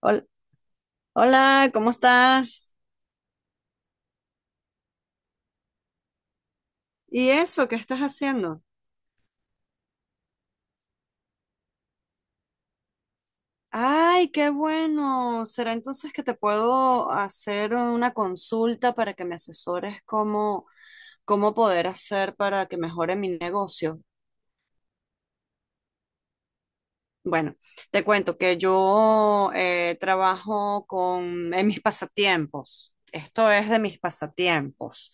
Hol- Hola, ¿cómo estás? ¿Y eso? ¿Qué estás haciendo? Ay, qué bueno. ¿Será entonces que te puedo hacer una consulta para que me asesores cómo poder hacer para que mejore mi negocio? Bueno, te cuento que yo trabajo con en mis pasatiempos. Esto es de mis pasatiempos,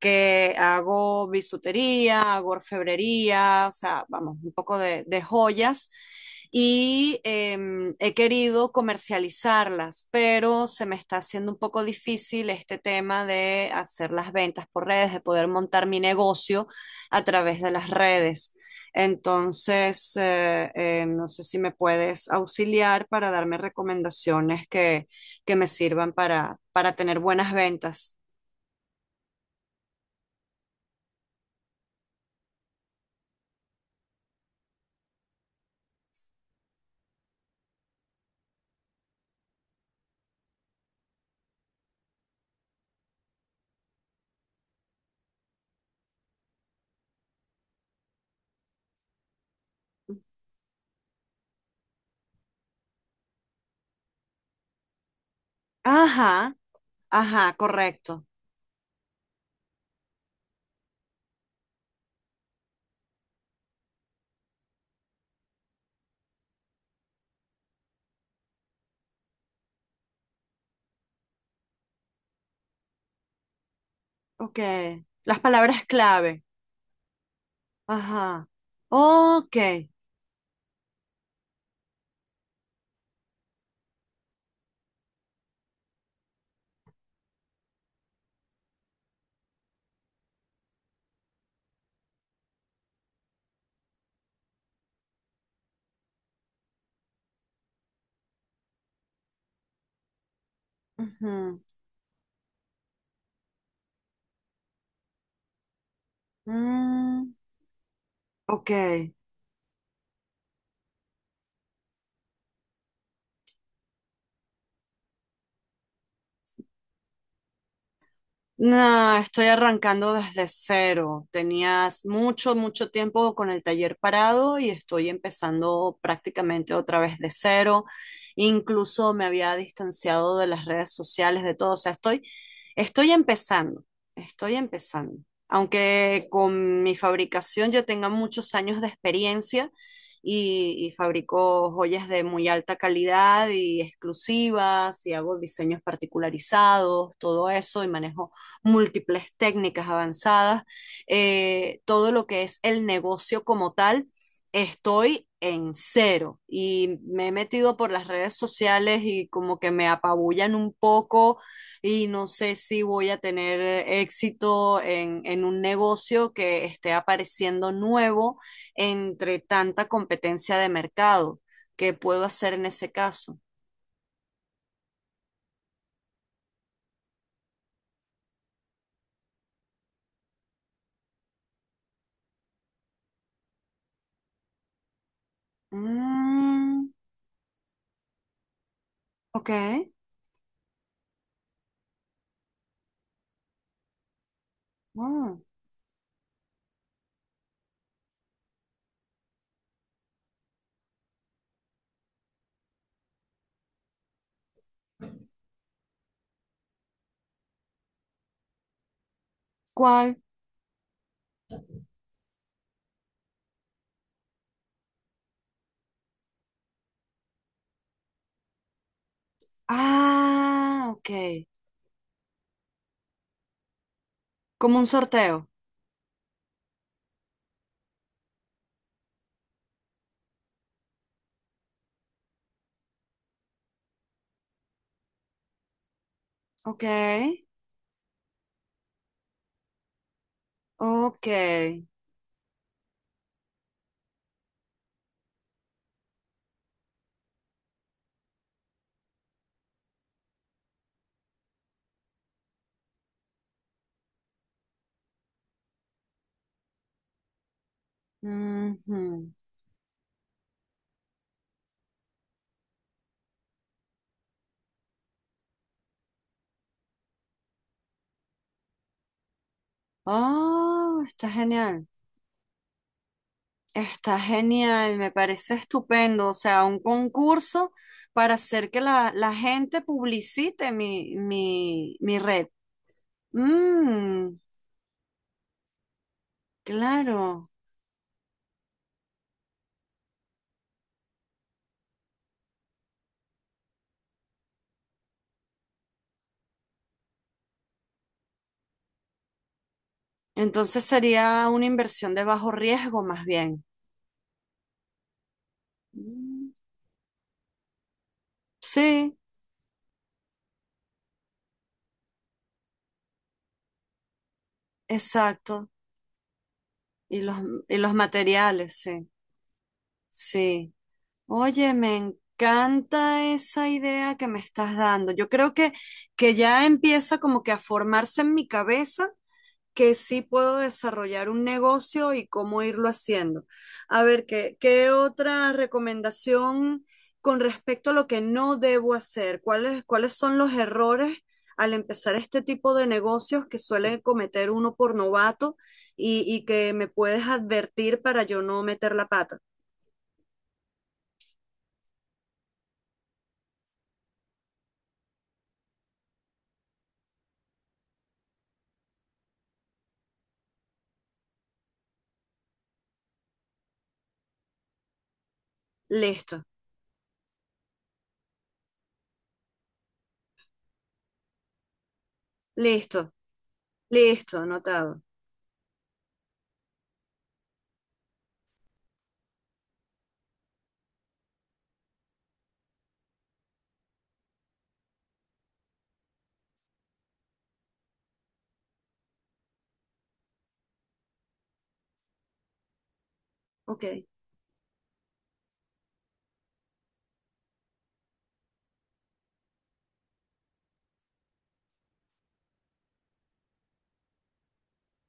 que hago bisutería, hago orfebrería, o sea, vamos, un poco de joyas y he querido comercializarlas, pero se me está haciendo un poco difícil este tema de hacer las ventas por redes, de poder montar mi negocio a través de las redes. Entonces, no sé si me puedes auxiliar para darme recomendaciones que me sirvan para tener buenas ventas. Ajá, ajá, correcto. Ok. Las palabras clave. Ajá. Ok. Ujú. Mm, ok. No, estoy arrancando desde cero. Tenías mucho, mucho tiempo con el taller parado y estoy empezando prácticamente otra vez de cero. Incluso me había distanciado de las redes sociales, de todo. O sea, estoy empezando, estoy empezando. Aunque con mi fabricación yo tenga muchos años de experiencia y fabrico joyas de muy alta calidad y exclusivas y hago diseños particularizados, todo eso y manejo múltiples técnicas avanzadas, todo lo que es el negocio como tal, estoy en cero y me he metido por las redes sociales y como que me apabullan un poco y no sé si voy a tener éxito en un negocio que esté apareciendo nuevo entre tanta competencia de mercado. ¿Qué puedo hacer en ese caso? Mm, ok. Mm. ¿Cuál? Ah, ok. Como un sorteo. Ok, ok. Ujú. Oh, está genial. Está genial, me parece estupendo. O sea, un concurso para hacer que la gente publicite mi red. Mm, claro. Entonces sería una inversión de bajo riesgo más bien. Mm, sí, exacto. Y los, y los materiales, sí. Sí. Oye, me encanta esa idea que me estás dando. Yo creo que ya empieza como que a formarse en mi cabeza que sí puedo desarrollar un negocio y cómo irlo haciendo. A ver, ¿qué otra recomendación con respecto a lo que no debo hacer? ¿Cuáles son los errores al empezar este tipo de negocios que suele cometer uno por novato y que me puedes advertir para yo no meter la pata? Listo, listo. Listo, anotado. Ok,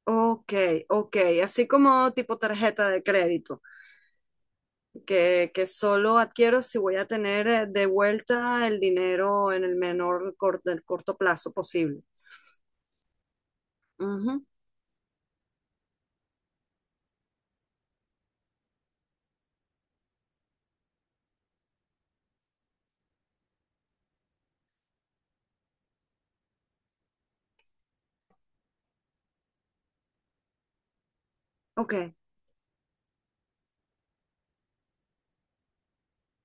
ok, ok. Así como tipo tarjeta de crédito, que solo adquiero si voy a tener de vuelta el dinero en el menor del corto plazo posible. Ujú, ok,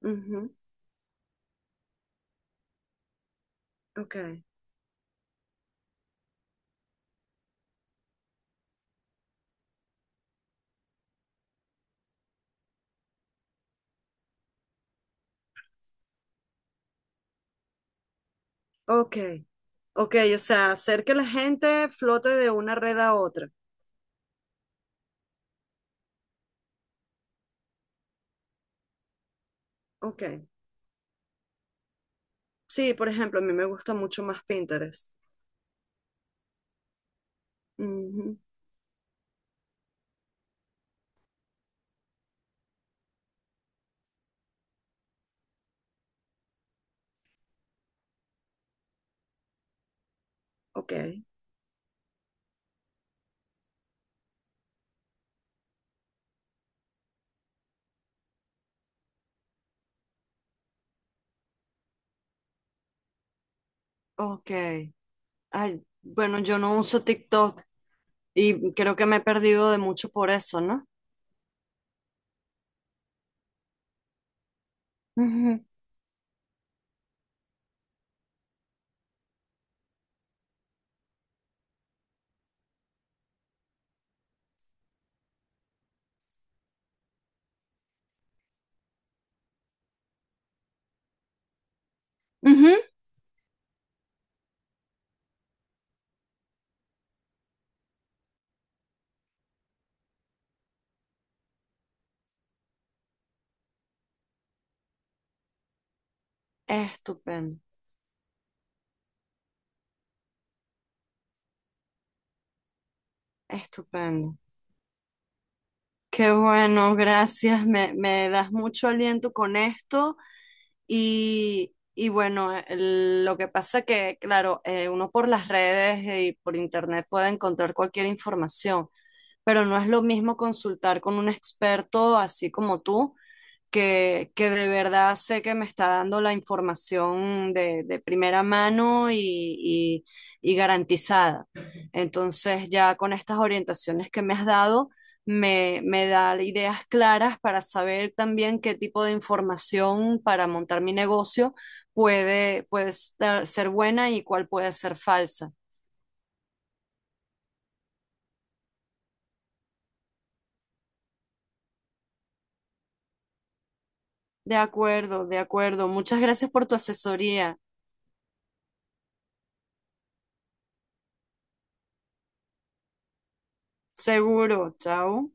ujú, ok, ok, ok. O sea, hacer que la gente flote de una red a otra. Ok. Sí, por ejemplo, a mí me gusta mucho más Pinterest. Ujú, ok, ok. Ay, bueno, yo no uso TikTok. Y creo que me he perdido de mucho por eso, no. Ujú, ujú. Estupendo, estupendo. Qué bueno, gracias. Me das mucho aliento con esto. Bueno, lo que pasa que, claro, uno por las redes y por internet puede encontrar cualquier información, pero no es lo mismo consultar con un experto así como tú que de verdad sé que me está dando la información de primera mano y garantizada. Entonces, ya con estas orientaciones que me has dado, me da ideas claras para saber también qué tipo de información para montar mi negocio puede ser buena y cuál puede ser falsa. De acuerdo, de acuerdo. Muchas gracias por tu asesoría. Seguro. Chao.